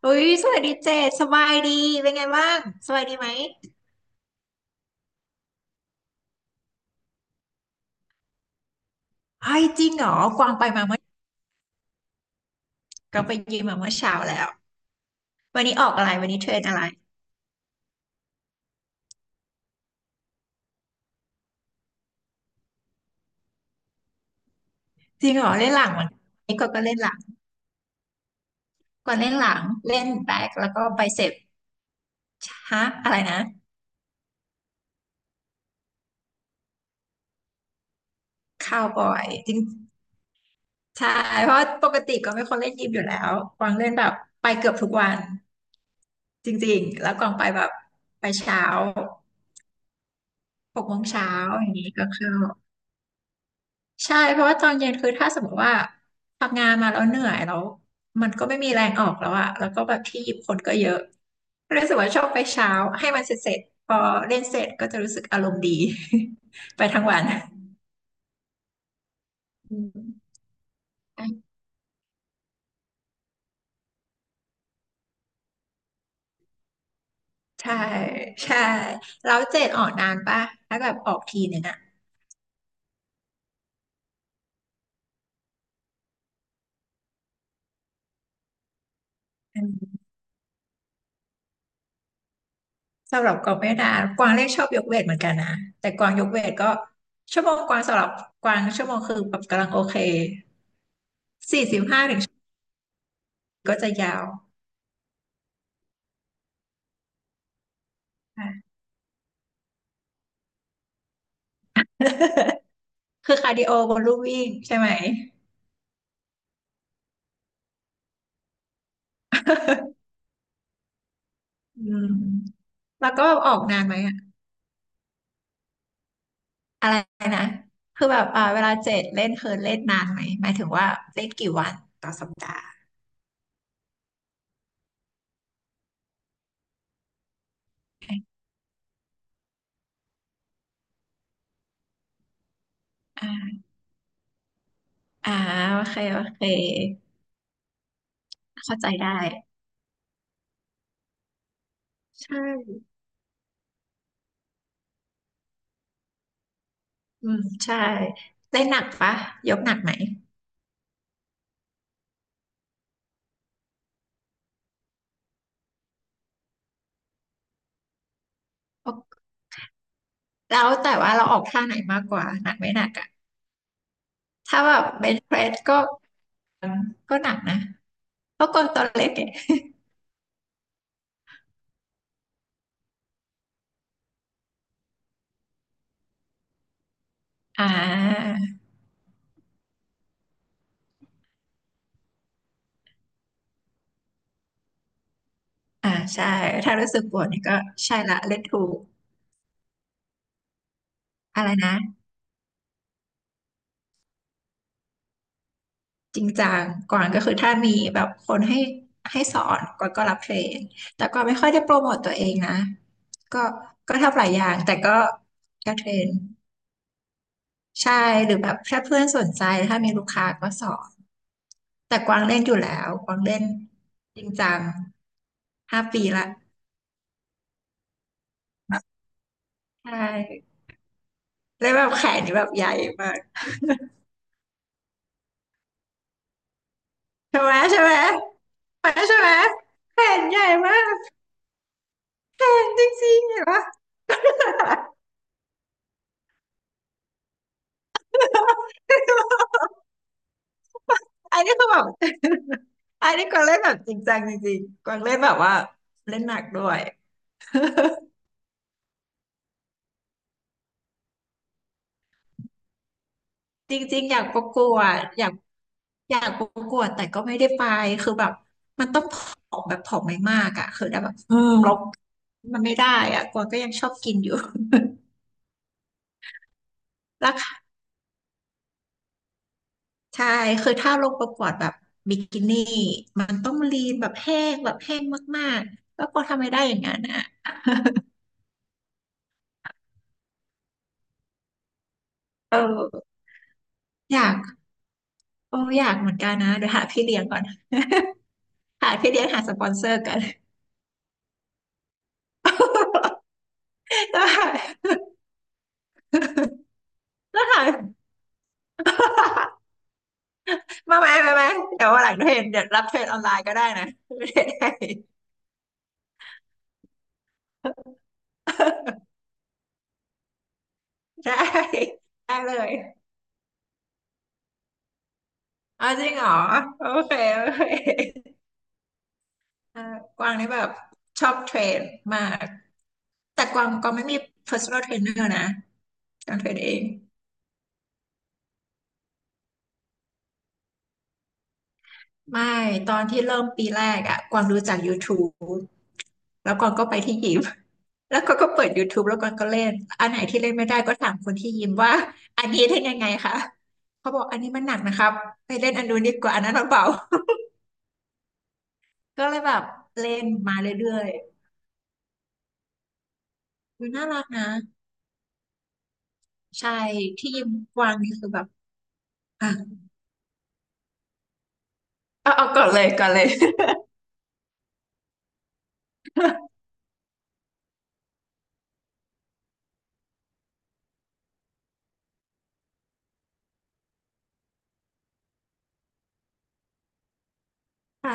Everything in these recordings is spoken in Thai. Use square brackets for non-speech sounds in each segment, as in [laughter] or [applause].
เฮ้ยสวัสดีเจษสบายดีเป็นไงบ้างสบายดีไหมไอ้ยจริงเหรอกวางไปมาเมื่อกวางไปยิมมาเมื่อเช้าแล้ววันนี้ออกอะไร วันนี้เทรนอะไรจริงเหรอเล่นหลังวันนี้กวางก็เล่นหลังกวางเล่นหลังเล่นแบ็คแล้วก็ไบเซปฮะอะไรนะคาวบอยจริงใช่เพราะปกติกวางเป็นคนเล่นยิมอยู่แล้วกวางเล่นแบบไปเกือบทุกวันจริงๆแล้วกวางไปแบบไปเช้าหกโมงเช้าอย่างนี้ก็เข้า ใช่เพราะว่าตอนเย็นคือถ้าสมมติว่าทำงานมาแล้วเหนื่อยแล้วมันก็ไม่มีแรงออกแล้วอะแล้วก็แบบที่หยิบคนก็เยอะรู้สึกว่าชอบไปเช้าให้มันเสร็จๆพอเล่นเสร็จก็จะรู้สึกอารมณ์ดี [laughs] ไปทั้งวันอืมใช่ใช่แล้วเจ็ดออกนานป่ะถ้าแบบออกทีหนึ่งอะอืมสำหรับกวางไม่นานกวางเล่นชอบยกเวทเหมือนกันนะแต่กวางยกเวทก็ชั่วโมงกวางสำหรับกวางชั่วโมงคือแบบกำลังโอเคสี่สิบห้า ก็จะยาวค่ะ [laughs] คือคาร์ดิโอบนลู่วิ่งใช่ไหม [laughs] อืมแล้วก็ออกนานไหมอะอะไรนะคือแบบอ่าเวลาเจ็ดเล่นคือเล่นนานไหมหมายถึงว่าเล่นกี่วันต่อสัปดาห์อ่าอ่าโอเคโอเคเข้าใจได้ใช่อืมใช่เล่นหนักปะยกหนักไหมแล้วแต่ว่าเราออกท่าไหนมากกว่าหนักไม่หนักอะถ้าแบบเบนช์เพรสก็ก็หนักนะก็กดตัวเล็กอะอ่า อ่าใช่ถ้ารู้สึกปวดเนี่ยก็ใช่ละเล่นถูกอะไรนะจริงจังก่อนก็คือถ้ามีแบบคนให้สอนก่อนก็รับเทรนแต่ก็ไม่ค่อยได้โปรโมทตัวเองนะก็ก็ทำหลายอย่างแต่ก็เทรนใช่หรือแบบถ้าเพื่อนสนใจถ้ามีลูกค้าก็สอนแต่กวางเล่นอยู่แล้วกวางเล่นจริงจังห้าปีละใช่แล้วแบบแขนนี่แบบใหญ่มากใช่ไหมใช่ไหมใช่ไหมแขนใหญ่มาก จริงๆเห็นปะ [laughs] อันนี้คือแบบ [laughs] อันนี้กวางเล่นแบบจริงจังจริงๆกวางเล่นแบบว่าเล่นหนักด้วย [laughs] จริงๆอยากประกวดอยากประกวดแต่ก็ไม่ได้ไปคือแบบมันต้องผอมแบบผอมไม่มากอ่ะคือได้แบบอืมลดมันไม่ได้อ่ะกวางก็ยังชอบกินอยู่ [laughs] ราคาใช่คือถ้าลงประกวดแบบบิกินี่มันต้องลีนแบบแห้งแบบแห้งมากๆแล้วกวางทำไม่ได้อย่างนั้นอ่ะ [laughs] เอออยากเอออยากเหมือนกันนะเดี๋ยวหาพี่เลี้ยงก่อน [laughs] หาพี่เลี้ยงหาสปอนเซอร์กัน [laughs] ได้ [laughs] ไหา้หามาไหมมาไหมเดี๋ยววันหลังเทรนเดี๋ยวรับเทรนออนไลน์ก็ได้นะ [laughs] ได้ได้ได้เลยเอาจริงเหรอโอเคโอเคเออกวางนี่แบบชอบเทรนมากแต่กวางก็ไม่มี personal trainer นะกวางเทรนเอง ไม่ตอนที่เริ่มปีแรกอะกวางรู้จัก YouTube แล้วกวางก็ไปที่ยิม [laughs] แล้วก็เปิด YouTube แล้วกวางก็เล่นอันไหนที่เล่นไม่ได้ก็ถามคนที่ยิมว่าอันนี้เล่นยังไงคะเขาบอกอันนี้มันหนักนะครับไปเล่นอันนู้นดีกว่าอันนั้นมันเบา [laughs] ก็เลยแบบเล่นมาเรื่อยๆมันน่ารักนะใช่ที่ยิมกวางนี่คือแบบ [laughs] อ่ะเอาก่อนเลยก่อนเลย [laughs] ใช่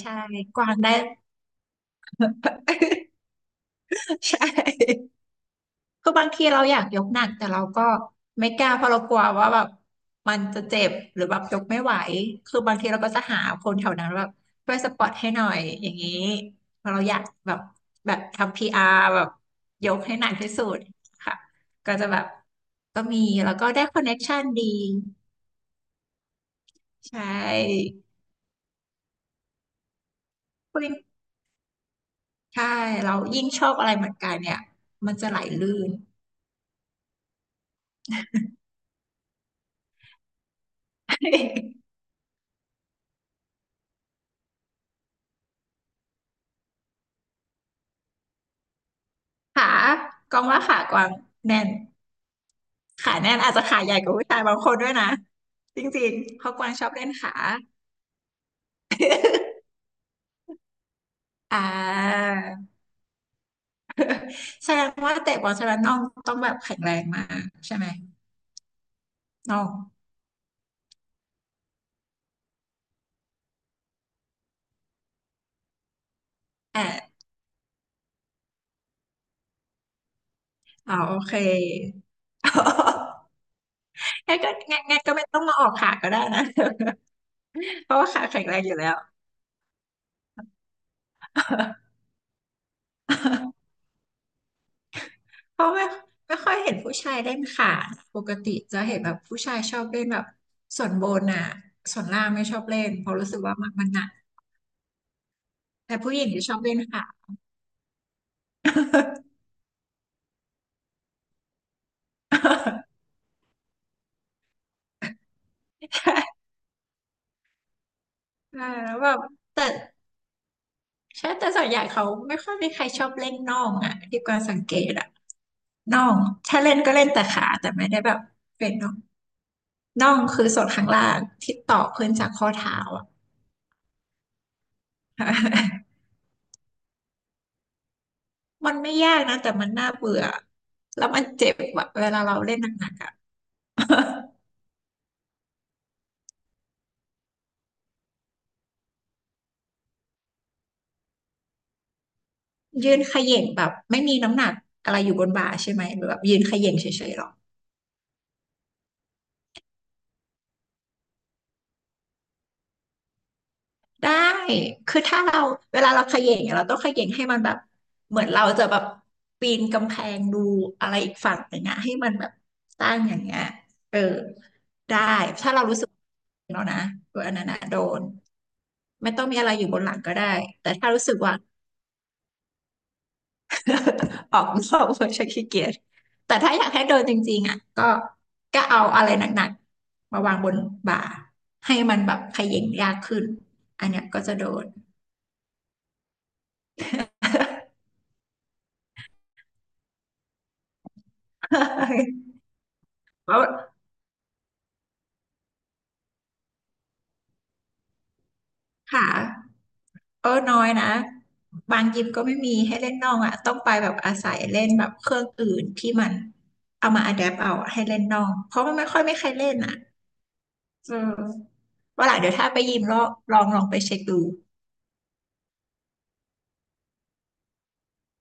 ใช่กวางได้ [laughs] ใช่ คือบางทีเราอยากยกหนักแต่เราก็ไม่กล้าเพราะเรากลัวว่าแบบมันจะเจ็บหรือแบบยกไม่ไหวคือบางทีเราก็จะหาคนแถวนั้นแบบช่วยสปอร์ตให้หน่อยอย่างนี้เพราะเราอยากแบบแบบทำพีอาร์แบบยกให้หนักที่สุดค่ะก็จะแบบก็มีแล้วก็ได้คอนเน็กชันดีใช่คุณใช่เรายิ่งชอบอะไรเหมือนกันเนี่ยมันจะไหลลื่น [laughs] ขากองว่าขากวางแน่น ขาแน่นอาจจะขาใหญ่กว่าผู้ชายบางคนด้วยนะจริงๆเพราะกวางชอบเล่นขาอ่าแสดงว่าเตะบอลใช่ไหมน้องต้องแบบแข็งแรงมากใช่ไหมน้องอ่าอ๋อโอเค [laughs] งั้นก็งั้นงั้นก็ไม่ต้องมาออกขาก็ได้นะ [laughs] เพราะว่าขาแข็งแรงอยู่แล้ว [laughs] เพราะไม่ค่อยเห็นผู้ชายเล่นขาปกติจะเห็นแบบผู้ชายชอบเล่นแบบส่วนบนอ่ะส่วนล่างไม่ชอบเล่นเพราะรู้สึกว่ามันมันหนักแต่ผู้หญิงจะชอบเล่นขา [laughs] ใช่เออแล้วแบบแต่ใช่แต่ส่วนใหญ่เขาไม่ค่อยมีใครชอบเล่นน่องอ่ะที่กวางสังเกตอ่ะน่องถ้าเล่นก็เล่นแต่ขาแต่ไม่ได้แบบเป็นน่องน่องคือส่วนข้างล่างที่ต่อขึ้นจากข้อเท้าอ่ะ [laughs] มันไม่ยากนะแต่มันน่าเบื่อแล้วมันเจ็บอะเวลาเราเล่นหนักๆอ่ะ [laughs] ยืนเขย่งแบบไม่มีน้ำหนักอะไรอยู่บนบ่าใช่ไหมหรือแบบยืนเขย่งเฉยๆหรอ ได้ คือถ้าเราเวลาเราเขย่งเนี่ยเราต้องเขย่งให้มันแบบเหมือนเราจะแบบปีนกำแพงดูอะไรอีกฝั่งหนึ่งอะให้มันแบบตั้งอย่างเงี้ยเออได้ถ้าเรารู้สึกแล้วนะตัวอันนั้นอะโดนไม่ต้องมีอะไรอยู่บนหลังก็ได้แต่ถ้ารู้สึกว่า [laughs] ออกนอกเวอร์ชันขี้เกียจแต่ถ้าอยากให้โดนจริงๆอะก็ก็เอาอะไรหนักๆมาวางบนบ่าให้มันแบบเขย่งยากขึ้นอันเนี้ยก็จะโดน [laughs] เพราะหาก็น้อยนะบางยิมก็ไม่มีให้เล่นนอกอ่ะต้องไปแบบอาศัยเล่นแบบเครื่องอื่นที่มันเอามาอะแดปเอาอะให้เล่นนอกเพราะมันไม่ค่อยไม่ใครเล่นอ่ะเออว่าหลังเดี๋ยวถ้าไปยิมลองลองลองไปเช็คดู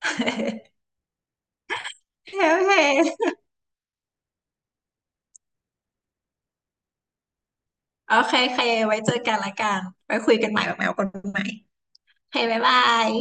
[laughs] โอเคโอเคโอเคไว้เจอกันละกันไว้คุยกันใหม่แบบแมวคนใหม่โอเคบ๊ายบาย